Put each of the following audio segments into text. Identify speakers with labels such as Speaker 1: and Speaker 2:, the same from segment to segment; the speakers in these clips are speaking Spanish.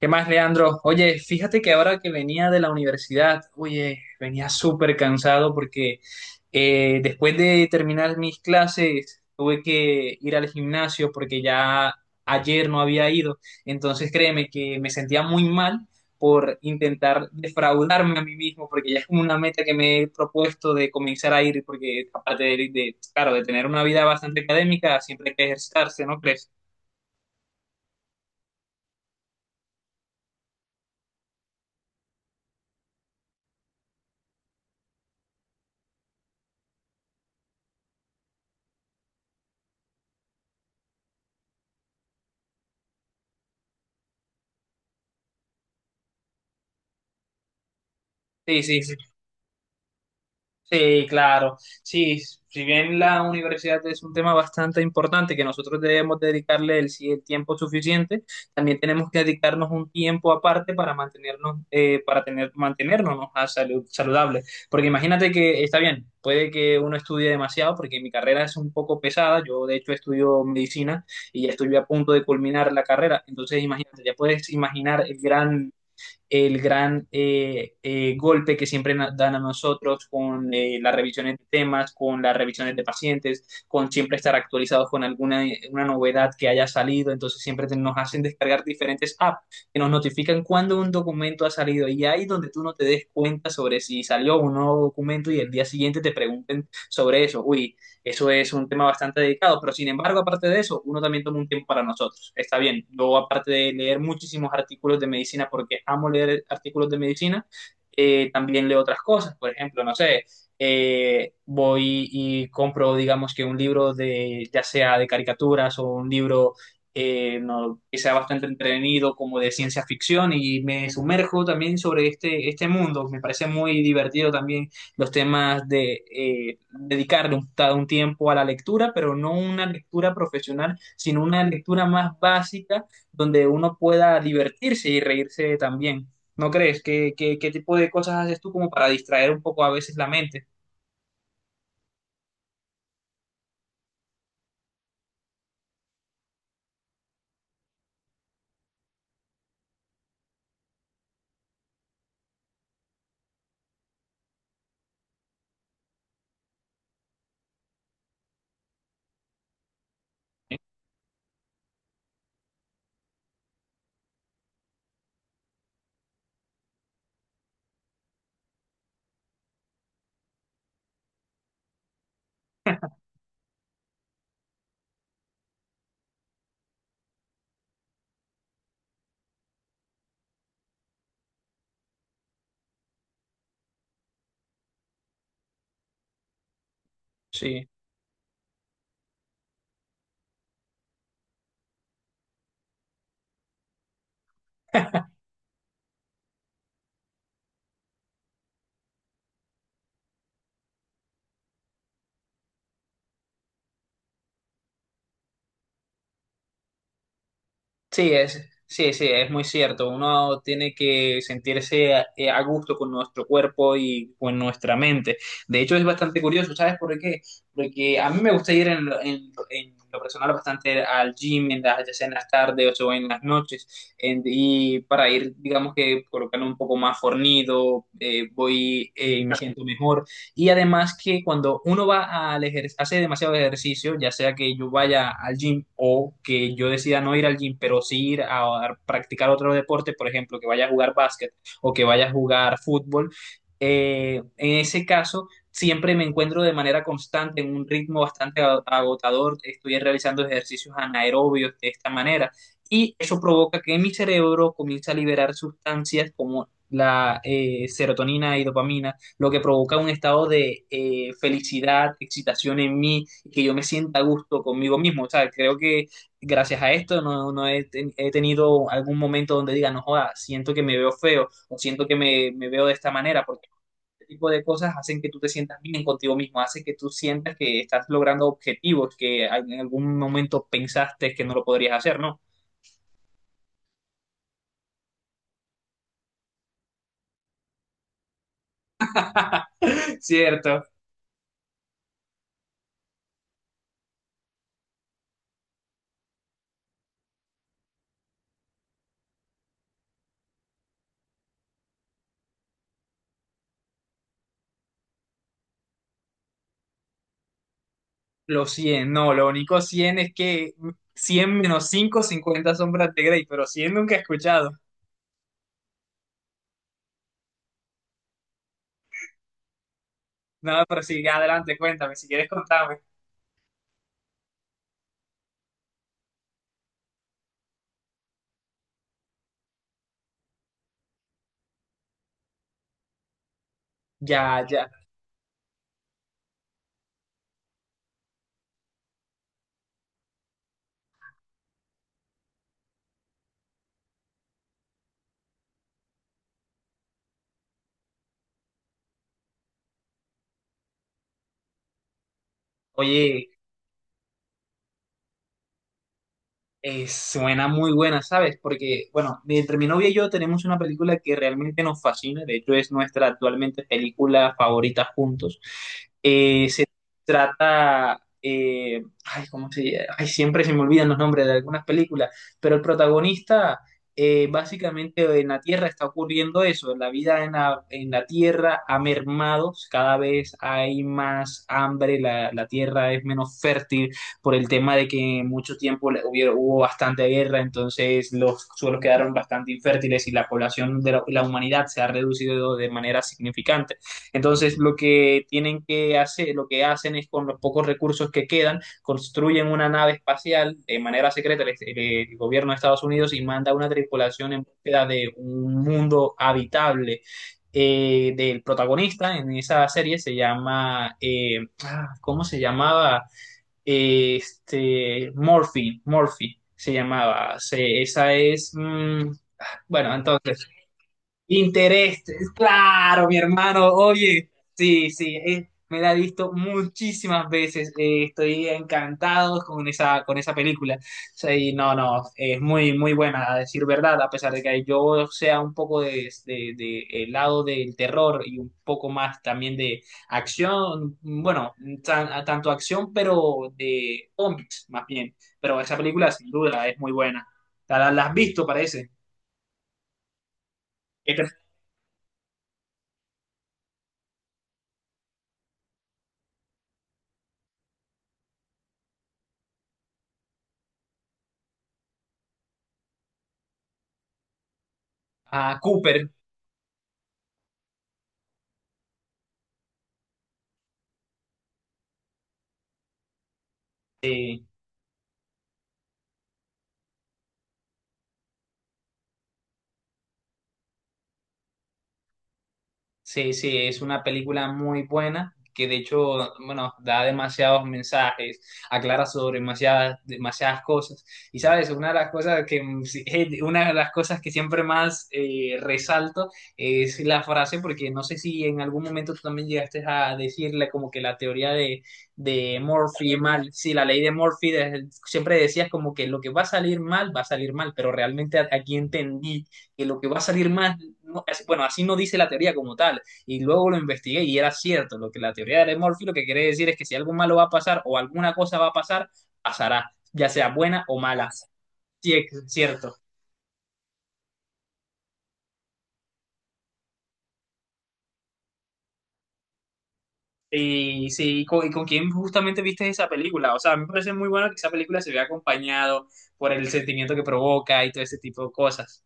Speaker 1: ¿Qué más, Leandro? Oye, fíjate que ahora que venía de la universidad, oye, venía súper cansado porque después de terminar mis clases tuve que ir al gimnasio porque ya ayer no había ido. Entonces créeme que me sentía muy mal por intentar defraudarme a mí mismo porque ya es como una meta que me he propuesto de comenzar a ir porque aparte de, claro, de tener una vida bastante académica, siempre hay que ejercitarse, ¿no crees? Sí, sí. Sí. Sí, claro. Sí, si bien la universidad es un tema bastante importante que nosotros debemos dedicarle el tiempo suficiente, también tenemos que dedicarnos un tiempo aparte para mantenernos, mantenernos a salud, saludables. Porque imagínate que está bien, puede que uno estudie demasiado, porque mi carrera es un poco pesada. Yo, de hecho, estudio medicina y ya estoy a punto de culminar la carrera. Entonces, imagínate, ya puedes imaginar el gran golpe que siempre dan a nosotros con las revisiones de temas, con las revisiones de pacientes, con siempre estar actualizados con alguna una novedad que haya salido. Entonces siempre nos hacen descargar diferentes apps que nos notifican cuando un documento ha salido y ahí donde tú no te des cuenta sobre si salió un nuevo documento y el día siguiente te pregunten sobre eso. Uy, eso es un tema bastante dedicado, pero sin embargo, aparte de eso, uno también toma un tiempo para nosotros. Está bien, yo aparte de leer muchísimos artículos de medicina, porque amo leer artículos de medicina, también leo otras cosas, por ejemplo, no sé, voy y compro, digamos que un libro de, ya sea de caricaturas o un libro no, que sea bastante entretenido como de ciencia ficción y me sumerjo también sobre este mundo. Me parece muy divertido también los temas de dedicarle un tiempo a la lectura, pero no una lectura profesional, sino una lectura más básica donde uno pueda divertirse y reírse también. ¿No crees? ¿Qué tipo de cosas haces tú como para distraer un poco a veces la mente? Sí. Sí, es, sí, sí, es muy cierto. Uno tiene que sentirse a gusto con nuestro cuerpo y con nuestra mente. De hecho, es bastante curioso, ¿sabes por qué? Porque a mí me gusta ir en lo personal bastante al gym, en ya sea en las tardes o en las noches, y para ir, digamos que colocando un poco más fornido, voy y me siento mejor. Y además que cuando uno va al ejercicio, hace demasiado ejercicio, ya sea que yo vaya al gym o que yo decida no ir al gym, pero sí ir a practicar otro deporte, por ejemplo, que vaya a jugar básquet o que vaya a jugar fútbol, en ese caso siempre me encuentro de manera constante en un ritmo bastante agotador, estoy realizando ejercicios anaerobios de esta manera y eso provoca que mi cerebro comience a liberar sustancias como la serotonina y dopamina lo que provoca un estado de felicidad, excitación en mí, y que yo me sienta a gusto conmigo mismo. O sea, creo que gracias a esto no, no he tenido algún momento donde diga, no joda, siento que me veo feo o siento que me veo de esta manera, porque este tipo de cosas hacen que tú te sientas bien contigo mismo, hace que tú sientas que estás logrando objetivos que en algún momento pensaste que no lo podrías hacer, ¿no? Cierto. Los 100, no, lo único 100 es que 100 menos 5, 50 sombras de Grey, pero 100 nunca he escuchado. No, pero sí, adelante, cuéntame, si quieres contame. Ya, ya. Oye, suena muy buena, ¿sabes? Porque, bueno, entre mi novia y yo tenemos una película que realmente nos fascina, de hecho es nuestra actualmente película favorita juntos. Se trata, ay, ¿cómo se llama? Ay, siempre se me olvidan los nombres de algunas películas, pero el protagonista, básicamente en la Tierra está ocurriendo eso, la vida en la Tierra ha mermado, cada vez hay más hambre, la Tierra es menos fértil, por el tema de que mucho tiempo hubo bastante guerra, entonces los suelos quedaron bastante infértiles y la población de la humanidad se ha reducido de manera significante. Entonces lo que tienen que hacer, lo que hacen es con los pocos recursos que quedan, construyen una nave espacial de manera secreta el gobierno de Estados Unidos y manda una tripulación en búsqueda de un mundo habitable. Del protagonista en esa serie se llama, ah, ¿cómo se llamaba? Este, Morphy, Morphy se llamaba. Esa es, bueno, entonces, Interés, claro, mi hermano, oye, sí, sí, me la he visto muchísimas veces, estoy encantado con esa película, sí, no, no, es muy, muy buena, a decir verdad, a pesar de que yo sea un poco de el lado del terror y un poco más también de acción, bueno, tanto acción, pero de zombies, más bien, pero esa película sin duda es muy buena, la has visto, parece, Esta- a Cooper. eh, Sí, sí, es una película muy buena que de hecho, bueno, da demasiados mensajes, aclara sobre demasiadas, demasiadas cosas. Y sabes, una de las cosas que, sí, una de las cosas que siempre más resalto es la frase, porque no sé si en algún momento tú también llegaste a decirle como que la teoría de Murphy mal, sí, la ley de Murphy, siempre decías como que lo que va a salir mal, va a salir mal, pero realmente aquí entendí que lo que va a salir mal no, bueno, así no dice la teoría como tal. Y luego lo investigué y era cierto. Lo que la teoría de Murphy lo que quiere decir es que si algo malo va a pasar o alguna cosa va a pasar, pasará, ya sea buena o mala. Sí, es cierto. Y sí, y con quién justamente viste esa película. O sea, a mí me parece muy bueno que esa película se vea acompañado por el sentimiento que provoca y todo ese tipo de cosas.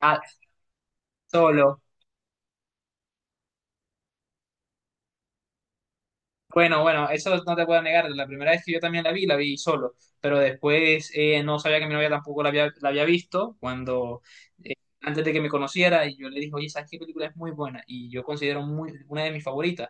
Speaker 1: Ah, solo. Bueno, bueno, eso no te puedo negar. La primera vez que yo también la vi solo, pero después no sabía que mi novia tampoco la había visto cuando eh, antes de que me conociera y yo le dije, oye, ¿sabes qué película es muy buena? Y yo considero una de mis favoritas.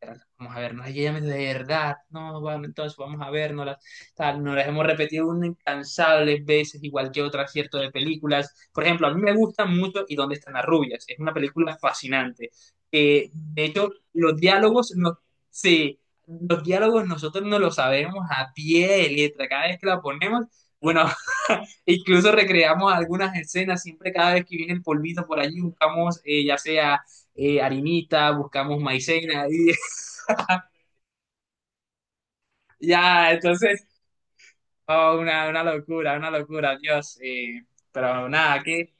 Speaker 1: Pero Vamos a vernos, y ella me dice, de verdad, no, vamos, entonces vamos a vernos, tal, nos las hemos repetido unas incansables veces, igual que otras, cierto, de películas. Por ejemplo, a mí me gusta mucho ¿Y dónde están las rubias? Es una película fascinante. De hecho, los diálogos, no, Sí, los diálogos nosotros no los sabemos a pie de letra, cada vez que la ponemos, bueno, incluso recreamos algunas escenas, siempre cada vez que viene el polvito por allí buscamos ya sea harinita, buscamos maicena, y ya, entonces, oh, una locura, una locura, Dios, pero nada, ¿qué,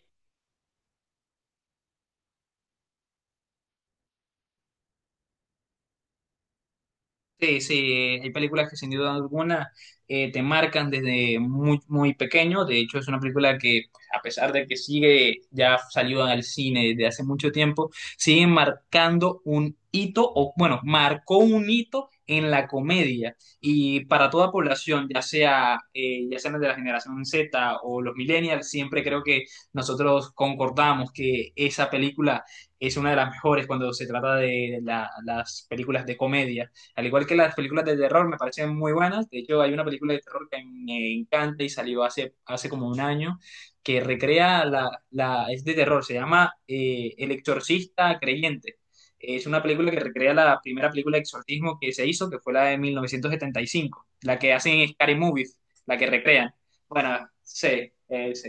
Speaker 1: Sí, sí, hay películas que sin duda alguna te marcan desde muy, muy pequeño. De hecho, es una película que, pues, a pesar de que sigue, ya salió al cine desde hace mucho tiempo, sigue marcando un hito, o bueno, marcó un hito en la comedia. Y para toda población, ya sea, ya sean de la generación Z o los millennials, siempre creo que nosotros concordamos que esa película es una de las mejores cuando se trata de las películas de comedia. Al igual que las películas de terror, me parecen muy buenas. De hecho, hay una película de terror que me encanta y salió hace como un año, que recrea la es de terror, se llama El Exorcista Creyente. Es una película que recrea la primera película de exorcismo que se hizo, que fue la de 1975, la que hacen Scary Movies, la que recrean. Bueno, sí, sí.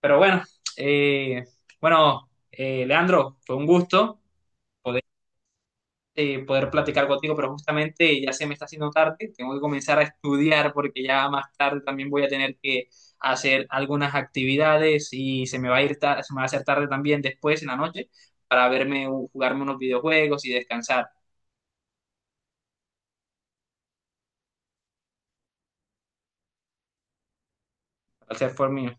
Speaker 1: Pero bueno, eh, bueno, Leandro, fue un gusto. Poder platicar contigo, pero justamente ya se me está haciendo tarde, tengo que comenzar a estudiar porque ya más tarde también voy a tener que hacer algunas actividades y se me va a ir se me va a hacer tarde también después en la noche para verme, jugarme unos videojuegos y descansar. Placer fue mío.